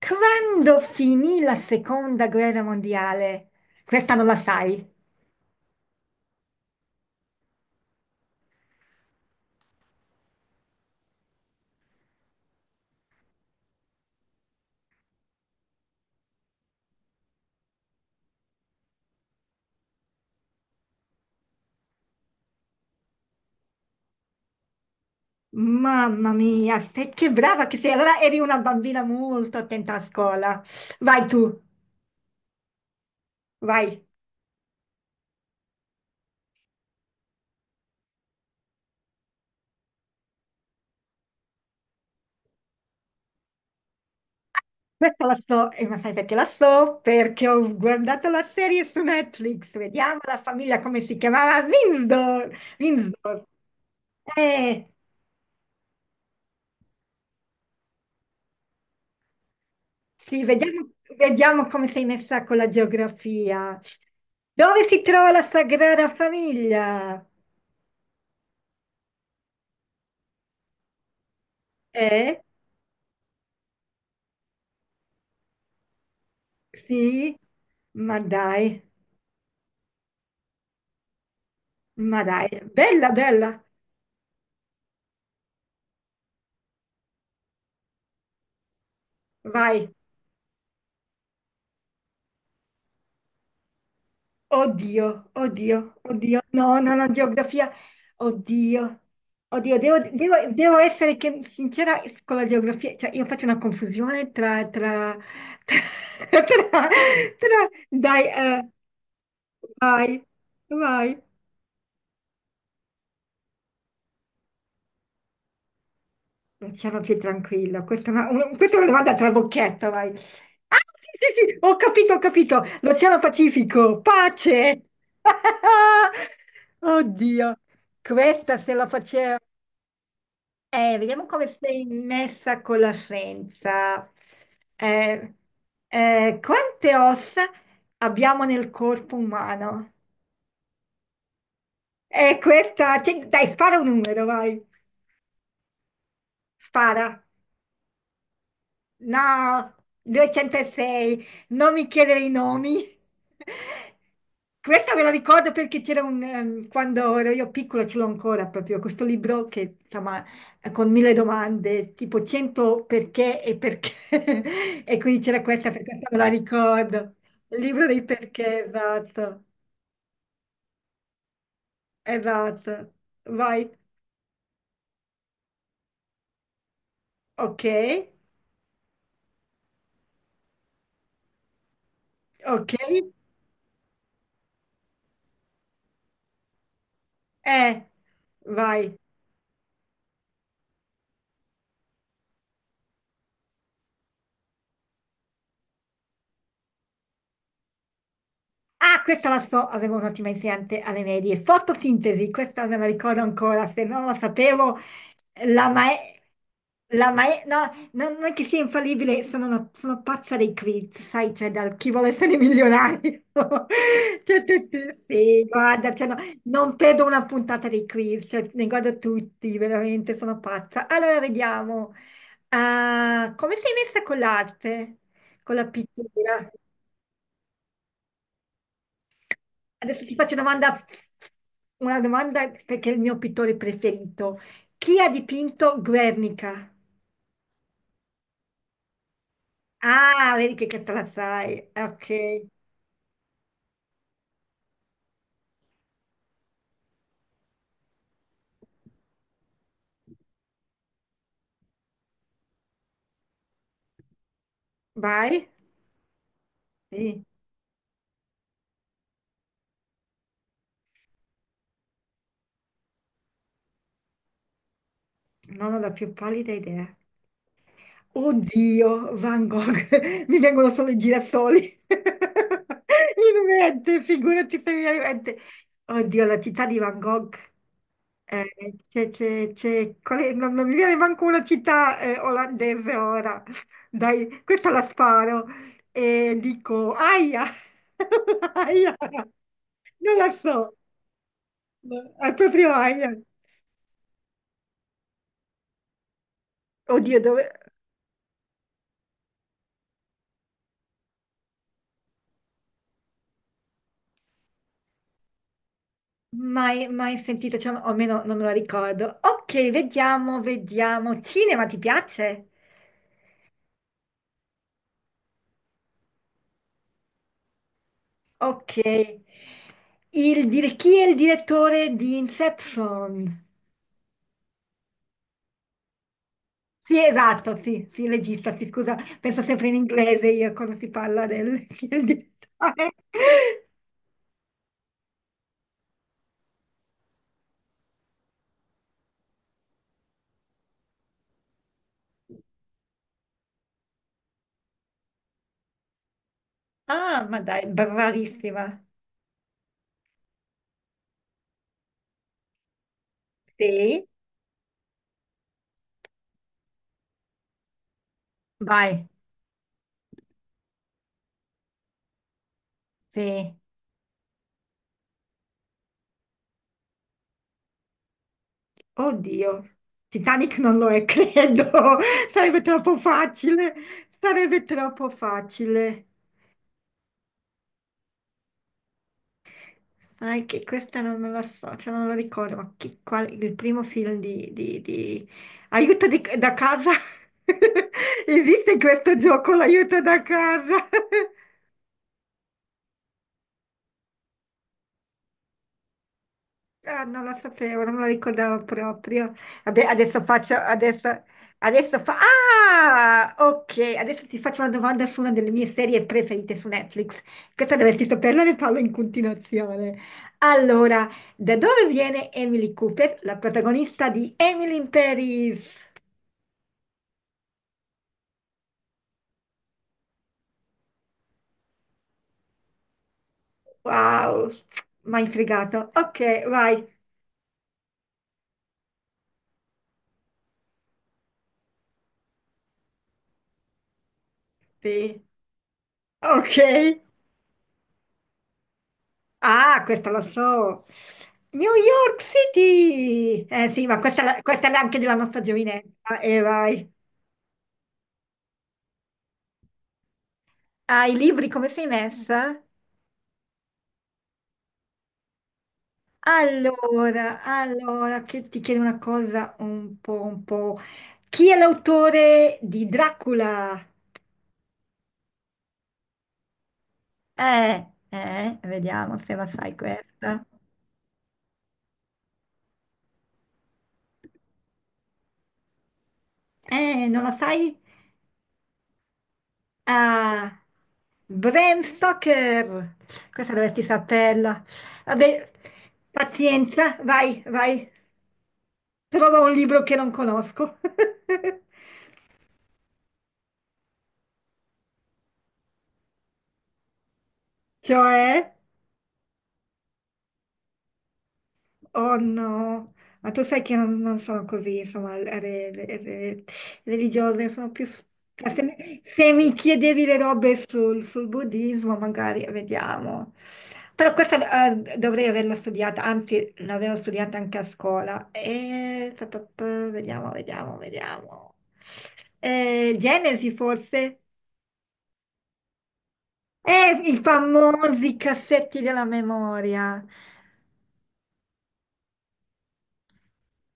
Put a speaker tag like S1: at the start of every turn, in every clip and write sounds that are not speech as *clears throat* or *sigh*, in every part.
S1: Quando finì la seconda guerra mondiale? Questa non la sai. Mamma mia, che brava che sei. Allora eri una bambina molto attenta a scuola. Vai tu, vai. Questa la so, e ma sai perché la so? Perché ho guardato la serie su Netflix. Vediamo la famiglia come si chiamava. Windsor. Windsor. Eh, sì, vediamo, vediamo come sei messa con la geografia. Dove si trova la Sagrada Famiglia? Eh? Sì, ma dai, ma dai, bella, bella, vai. Oddio, oddio, oddio. No, no, no, geografia. Oddio, oddio, devo essere sincera con la geografia. Cioè, io faccio una confusione tra, *laughs* Dai, vai, vai. Non sono più tranquilla. Questa è una domanda trabocchetto, vai. Ah, sì, sì, sì, ho capito, ho capito. L'Oceano Pacifico, pace! *laughs* Oddio, questa se la facevo. Vediamo come sei messa con la scienza. Eh, Quante ossa abbiamo nel corpo umano? Questa... Dai, spara un numero, vai. Spara. No, 206, non mi chiedere i nomi. *laughs* Questa me la ricordo perché quando ero io piccola, ce l'ho ancora proprio, questo libro che insomma, è con mille domande, tipo 100 perché e perché. *laughs* E quindi c'era questa, per questa me la ricordo. Il libro dei perché, esatto, esatto. Vai, ok, ok, eh, vai. Ah, questa la so, avevo un'ottima insegnante alle medie. Fotosintesi, questa me la ricordo ancora, se non la sapevo, la mae... no, non è che sia infallibile, sono pazza dei quiz, sai, cioè dal chi vuole essere milionario. *laughs* Cioè, sì, sì, sì, guarda, cioè, no, non perdo una puntata dei quiz, cioè, ne guardo tutti, veramente, sono pazza. Allora, vediamo. Ah, come sei messa con l'arte? Con la pittura? Adesso ti faccio una domanda perché è il mio pittore preferito. Chi ha dipinto Guernica? Ah, vedi che questa la sai. Ok, vai. Sì, non ho la più pallida idea. Oddio, Van Gogh, *laughs* mi vengono solo i girasoli. *laughs* In mente, figurati se mi viene in mente. Oddio, la città di Van Gogh. Eh, non, non mi viene manco una città olandese ora. *laughs* Dai, questa la sparo. E dico, aia! *laughs* Aia! Non la so. È proprio aia. Oddio, dove... Mai, mai sentito, cioè, o almeno non me la ricordo. Ok, vediamo, vediamo. Cinema, ti piace? Ok. Chi è il direttore di Inception? Sì, esatto, sì, sì, legista, sì, scusa, penso sempre in inglese io quando si parla del *laughs* film di Sare. Ah, ma dai, bravissima. Sì, vai, sì. Oddio, Titanic non lo è, *laughs* credo, sarebbe troppo facile, sarebbe troppo facile. Ah, è che questa non la so, cioè non la ricordo, ma il primo film Aiuto da casa? *laughs* Esiste questo gioco, l'aiuto da casa? *laughs* Ah, non la sapevo, non me la ricordavo proprio. Vabbè, adesso faccio, adesso, adesso fa... Ah, ok, adesso ti faccio una domanda su una delle mie serie preferite su Netflix. Questa dovresti saperla, ne parlo in continuazione. Allora, da dove viene Emily Cooper, la protagonista di Emily in Paris? Wow, mi hai fregato. Ok, vai. Sì, ok. Ah, questa lo so. New York City! Eh sì, ma questa è anche della nostra giovinezza. E vai. Ah, i libri come sei messa? Allora, allora, che ti chiedo una cosa un po', un po'. Chi è l'autore di Dracula? Vediamo se la sai questa. Non la sai? Ah, Bram Stoker. Questa dovresti saperla. Vabbè, pazienza, vai, vai. Trova un libro che non conosco. *laughs* Cioè? Oh no, ma tu sai che non sono così, insomma, re- re- religiose, sono più... cioè, se mi chiedevi le robe sul buddismo, magari vediamo. Però questa dovrei averla studiata, anzi l'avevo studiata anche a scuola. E... Vediamo, vediamo, vediamo. Genesi forse? I famosi cassetti della memoria.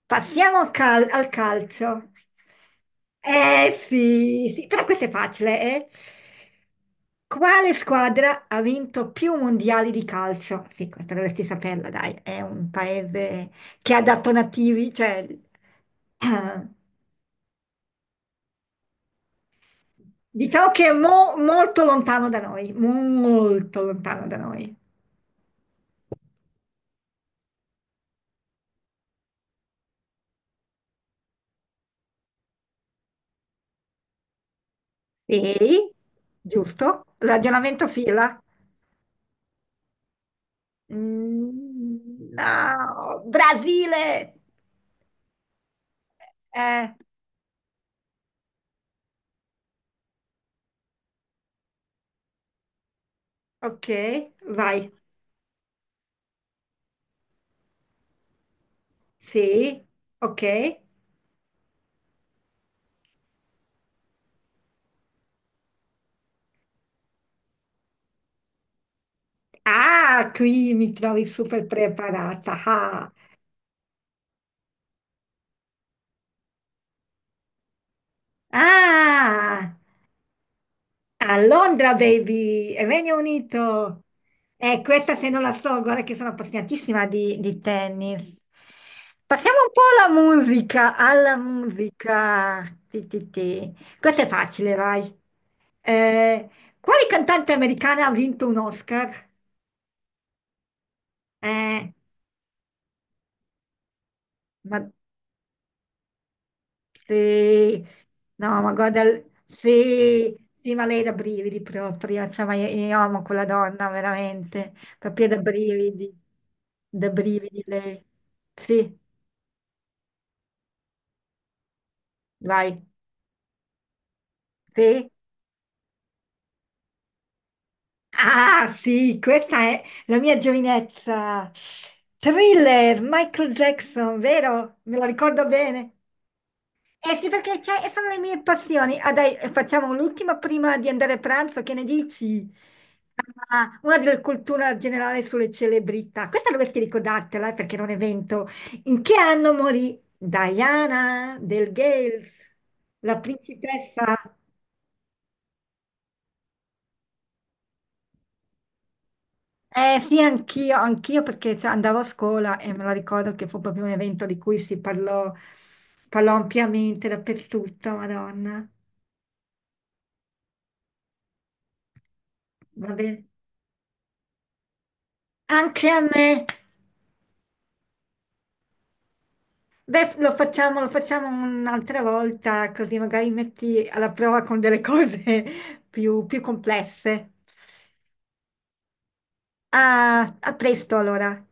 S1: Passiamo al calcio. Eh sì, sì, però questo è facile, eh? Quale squadra ha vinto più mondiali di calcio? Sì, questa dovresti saperla, dai, è un paese che ha dato nativi, cioè, *clears throat* eh, diciamo che è molto lontano da noi, molto lontano da noi. Sì, giusto? Ragionamento fila. Mm, no, Brasile! Eh, Ok, vai. Sì, ok. Ah, qui mi trovi super preparata. Ah, Ah, a Londra, baby, Regno Unito. Questa se non la so, guarda che sono appassionatissima di tennis. Passiamo un po' alla musica, alla musica. Ti, ti, ti. Questa è facile, vai. Eh, quale cantante americana ha vinto un Oscar? Eh, ma Sì, no, ma guarda, sì, sì, ma lei da brividi proprio, cioè, ma io amo quella donna, veramente, proprio da brividi lei. Sì, vai, sì. Ah, sì, questa è la mia giovinezza. Thriller, Michael Jackson, vero? Me lo ricordo bene. Eh sì, perché sono le mie passioni. Ah dai, facciamo l'ultima prima di andare a pranzo, che ne dici? Ah, una della cultura generale sulle celebrità. Questa dovresti ricordartela perché era un evento. In che anno morì Diana del Gales, la principessa? Eh sì, anch'io, anch'io perché cioè, andavo a scuola e me lo ricordo che fu proprio un evento di cui si parlò, parlò ampiamente dappertutto, Madonna. Vabbè. Anche a me. Beh, lo facciamo un'altra volta, così magari metti alla prova con delle cose *laughs* più, più complesse. Ah, a presto allora.